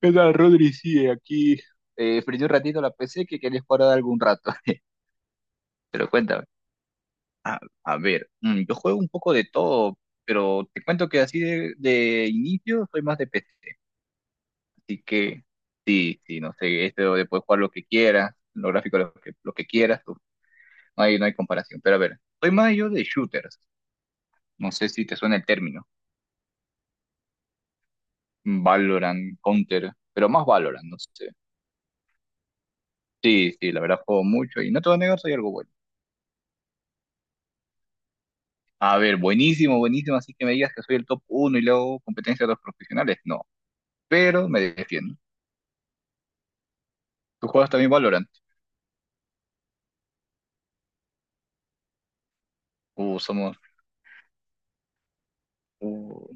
¿Qué tal, Rodri? Sí, aquí prendí un ratito la PC que quería jugar algún rato. Pero cuéntame. A, a ver, yo juego un poco de todo, pero te cuento que así de inicio soy más de PC. Así que sí, sí, no sé, esto de poder jugar lo que quieras, los gráficos lo que quieras, uf, no hay comparación. Pero a ver, soy más yo de shooters. No sé si te suena el término. Valorant, Counter, pero más Valorant, no sé. Sí, sí, la verdad juego mucho y no te voy a negar, soy algo bueno. A ver, buenísimo, buenísimo, así que me digas que soy el top uno y luego competencia de los profesionales. No, pero me defiendo. ¿Tú juegas también Valorant? Uh, somos, uh,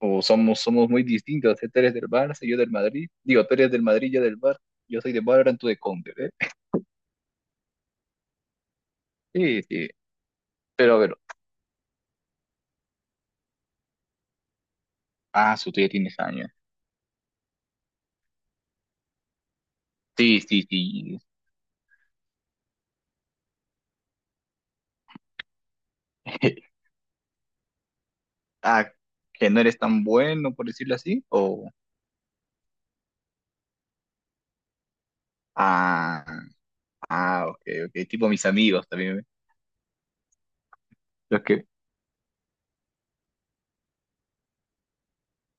somos muy distintos, ¿eh? Tú eres del Barça, yo del Madrid. Digo, tú eres del Madrid, yo del Barça. Yo soy de Valorant, tú de Counter, ¿eh? Sí, sí. Pero a ver, ah, su tía tienes años. Sí, sí, sí. Ah, que no eres tan bueno, por decirlo así. Ah, ok, ok. Tipo mis amigos también, ¿eh? Los que,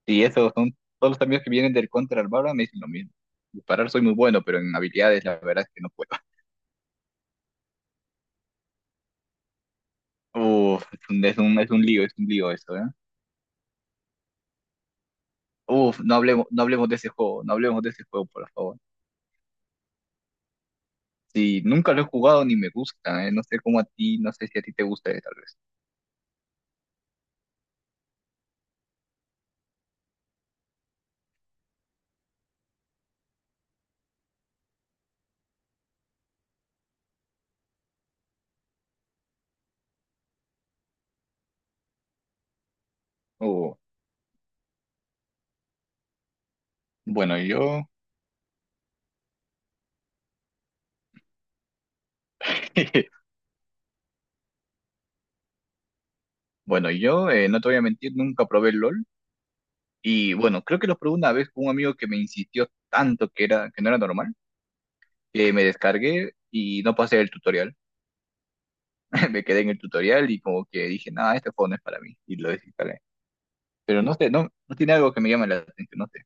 Sí, eso son todos los amigos que vienen del Counter al Valorant me dicen lo mismo. Disparar soy muy bueno, pero en habilidades la verdad es que no puedo. Uf, es un lío, es un lío eso, ¿eh? Uf, no hablemos de ese juego, no hablemos de ese juego, por favor. Sí, nunca lo he jugado ni me gusta, ¿eh? No sé cómo a ti, no sé si a ti te gusta, tal vez. Uf, bueno, yo, bueno, yo, no te voy a mentir, nunca probé el LOL. Y bueno, creo que lo probé una vez con un amigo que me insistió tanto que era, que no era normal, que me descargué y no pasé el tutorial. Me quedé en el tutorial y como que dije, nada, este juego no es para mí, y lo desinstalé. Pero no sé, no tiene algo que me llame la atención, no sé.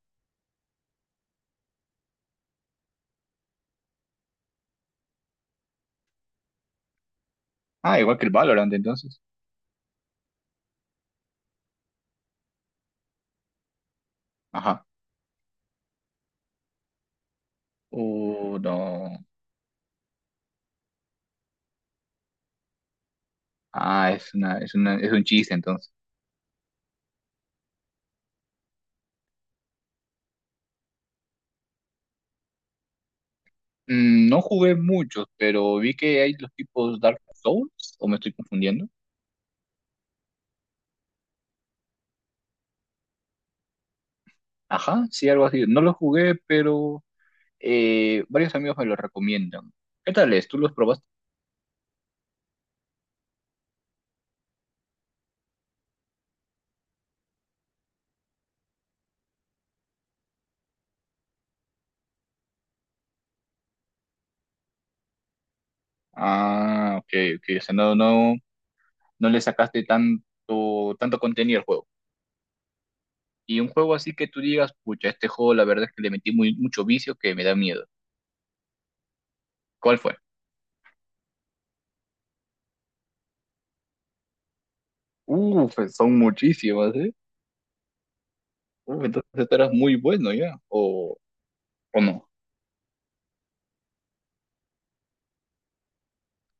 Ah, igual que el Valorant entonces. Ajá. No. Ah, es un chiste entonces. No jugué muchos, pero vi que hay los tipos Dark Souls, o me estoy confundiendo. Ajá, sí, algo así. No los jugué, pero varios amigos me los recomiendan. ¿Qué tal es? ¿Tú los probaste? Ah, ok, ok. O sea, no, no le sacaste tanto, tanto contenido al juego. Y un juego así que tú digas, pucha, este juego la verdad es que le metí muy, mucho vicio que me da miedo. ¿Cuál fue? Pues son muchísimas, ¿eh? Entonces tú eras muy bueno ya, o no.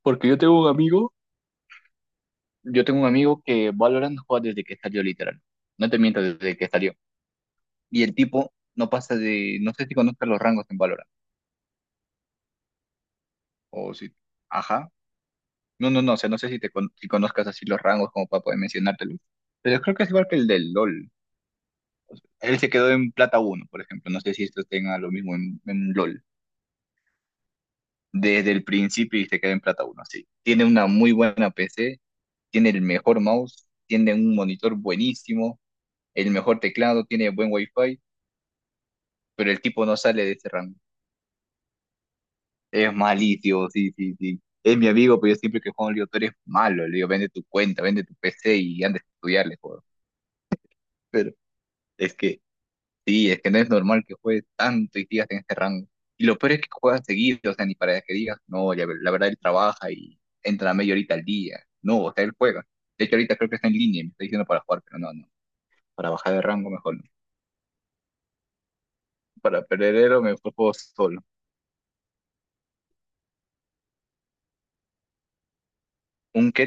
Porque yo tengo un amigo que Valorant juega desde que salió literal. No te miento, desde que salió. Y el tipo no pasa de, no sé si conozcas los rangos en Valorant. O si, ajá. No, no, no, o sea, no sé si si conozcas así los rangos como para poder mencionártelos. Pero creo que es igual que el del LOL. Él se quedó en plata uno, por ejemplo. No sé si esto tenga lo mismo en LOL. Desde el principio y se queda en plata uno, sí. Tiene una muy buena PC, tiene el mejor mouse, tiene un monitor buenísimo, el mejor teclado, tiene buen wifi, pero el tipo no sale de ese rango. Es malicio, sí, sí, sí. Es mi amigo, pero yo siempre que juego en Liga, tú eres malo. Le digo, vende tu cuenta, vende tu PC y anda a estudiar, le juego. Pero es que Sí, es que no es normal que juegue tanto y sigas en ese rango. Y lo peor es que juega seguido, o sea, ni para que digas, no, la verdad él trabaja y entra a media horita al día. No, o sea, él juega. De hecho, ahorita creo que está en línea, y me está diciendo para jugar, pero no, no. Para bajar de rango mejor no. Para perderero me fue juego solo. Un que,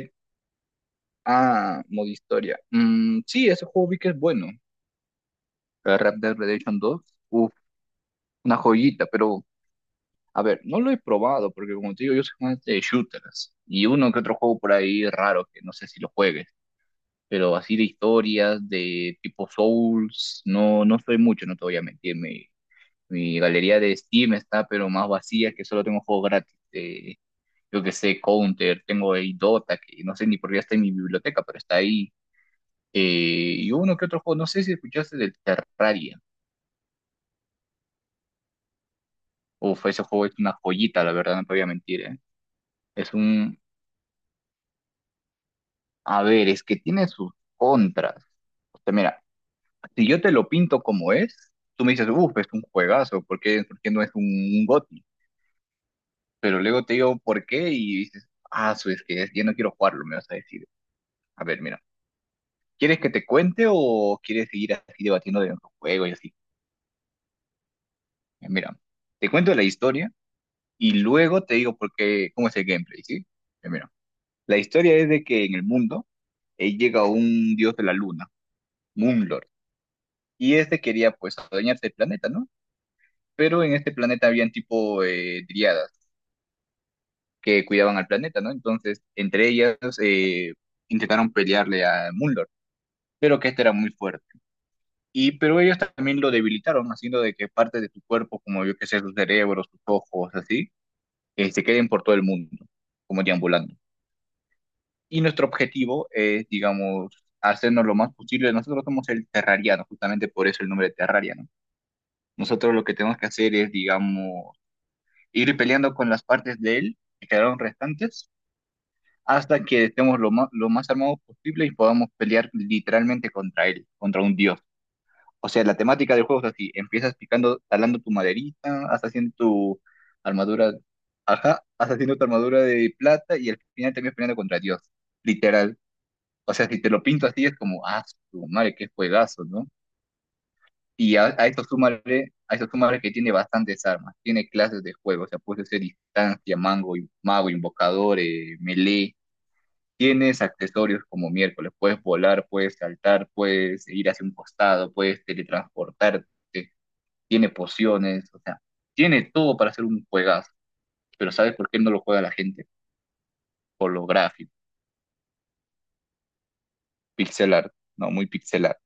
Modo historia. Mm, sí, ese juego vi que es bueno. El Red Dead Redemption dos, uf, una joyita, pero a ver, no lo he probado porque como te digo, yo soy más de shooters y uno que otro juego por ahí raro que no sé si lo juegue. Pero así de historias de tipo Souls, no soy mucho, no te voy a mentir. Mi galería de Steam está pero más vacía que solo tengo juegos gratis. De, yo que sé, Counter, tengo el Dota, que no sé ni por qué está en mi biblioteca, pero está ahí. Y uno que otro juego, no sé si escuchaste del Terraria. Uf, ese juego es una joyita, la verdad, no te voy a mentir, ¿eh? Es un... A ver, es que tiene sus contras. O sea, mira, si yo te lo pinto como es, tú me dices, uff, es un juegazo, ¿por qué no es un GOTY? Pero luego te digo, ¿por qué? Y dices, ah, es que ya no quiero jugarlo, me vas a decir. A ver, mira, ¿quieres que te cuente o quieres seguir así debatiendo de nuestro juego y así? Mira, te cuento la historia y luego te digo por qué, cómo es el gameplay, ¿sí? Ya, mira, la historia es de que en el mundo llega un dios de la luna, Moonlord, y este quería pues adueñarse del planeta, ¿no? Pero en este planeta habían tipo dríadas que cuidaban al planeta, ¿no? Entonces, entre ellas intentaron pelearle a Mulder, pero que este era muy fuerte. Pero ellos también lo debilitaron, haciendo de que partes de su cuerpo, como yo que sé, sus cerebros, sus ojos, así, se queden por todo el mundo, como deambulando. Y nuestro objetivo es, digamos, hacernos lo más posible. Nosotros somos el terrariano, justamente por eso el nombre de terraria, ¿no? Nosotros lo que tenemos que hacer es, digamos, ir peleando con las partes de él que quedaron restantes hasta que estemos lo más armados posible y podamos pelear literalmente contra él, contra un dios. O sea, la temática del juego es así, empiezas picando, talando tu maderita, hasta haciendo tu armadura, ajá, hasta haciendo tu armadura de plata y al final terminas peleando contra Dios, literal. O sea, si te lo pinto así es como, ah, su madre, qué juegazo, ¿no? Y a esto súmale, a esto súmale que tiene bastantes armas, tiene clases de juego, o sea, puedes hacer distancia, mango, mago, invocador, melee. Tienes accesorios como miércoles, puedes volar, puedes saltar, puedes ir hacia un costado, puedes teletransportarte, tiene pociones, o sea, tiene todo para hacer un juegazo. Pero ¿sabes por qué no lo juega la gente? Por lo gráfico, pixel art, no, muy pixel art.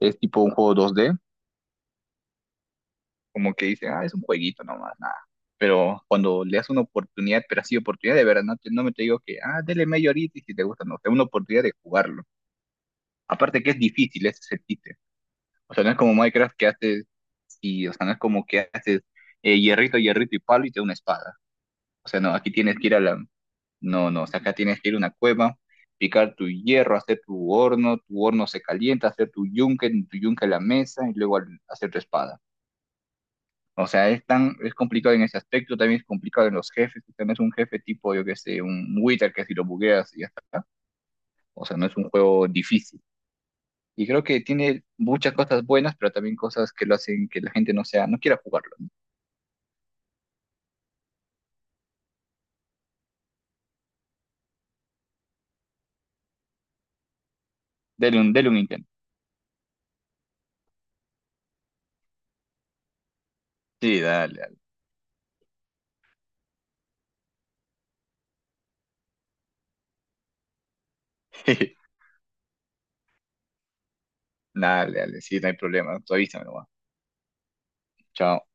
Es tipo un juego 2D, como que dicen, ah, es un jueguito nomás, nada. Pero cuando le das una oportunidad, pero así oportunidad de verdad, no, no me te digo que, ah, dele media horita y si te gusta, no, o sea, una oportunidad de jugarlo. Aparte que es difícil, ese es el chiste. O sea, no es como Minecraft que haces y, o sea, no es como que haces hierrito, hierrito y palo y te da una espada. O sea, no, aquí tienes que ir a la, no, no, o sea, acá tienes que ir a una cueva, picar tu hierro, hacer tu horno se calienta, hacer tu yunque, en tu yunque la mesa y luego hacer tu espada. O sea, es complicado en ese aspecto, también es complicado en los jefes, o sea, no es un jefe tipo, yo que sé, un Wither que si lo bugueas y ya está. O sea, no es un juego difícil. Y creo que tiene muchas cosas buenas, pero también cosas que lo hacen que la gente no sea, no quiera jugarlo. Dele un intento. Sí, dale, dale. Dale, dale, sí, no hay problema. Tú avísame nomás. Chao.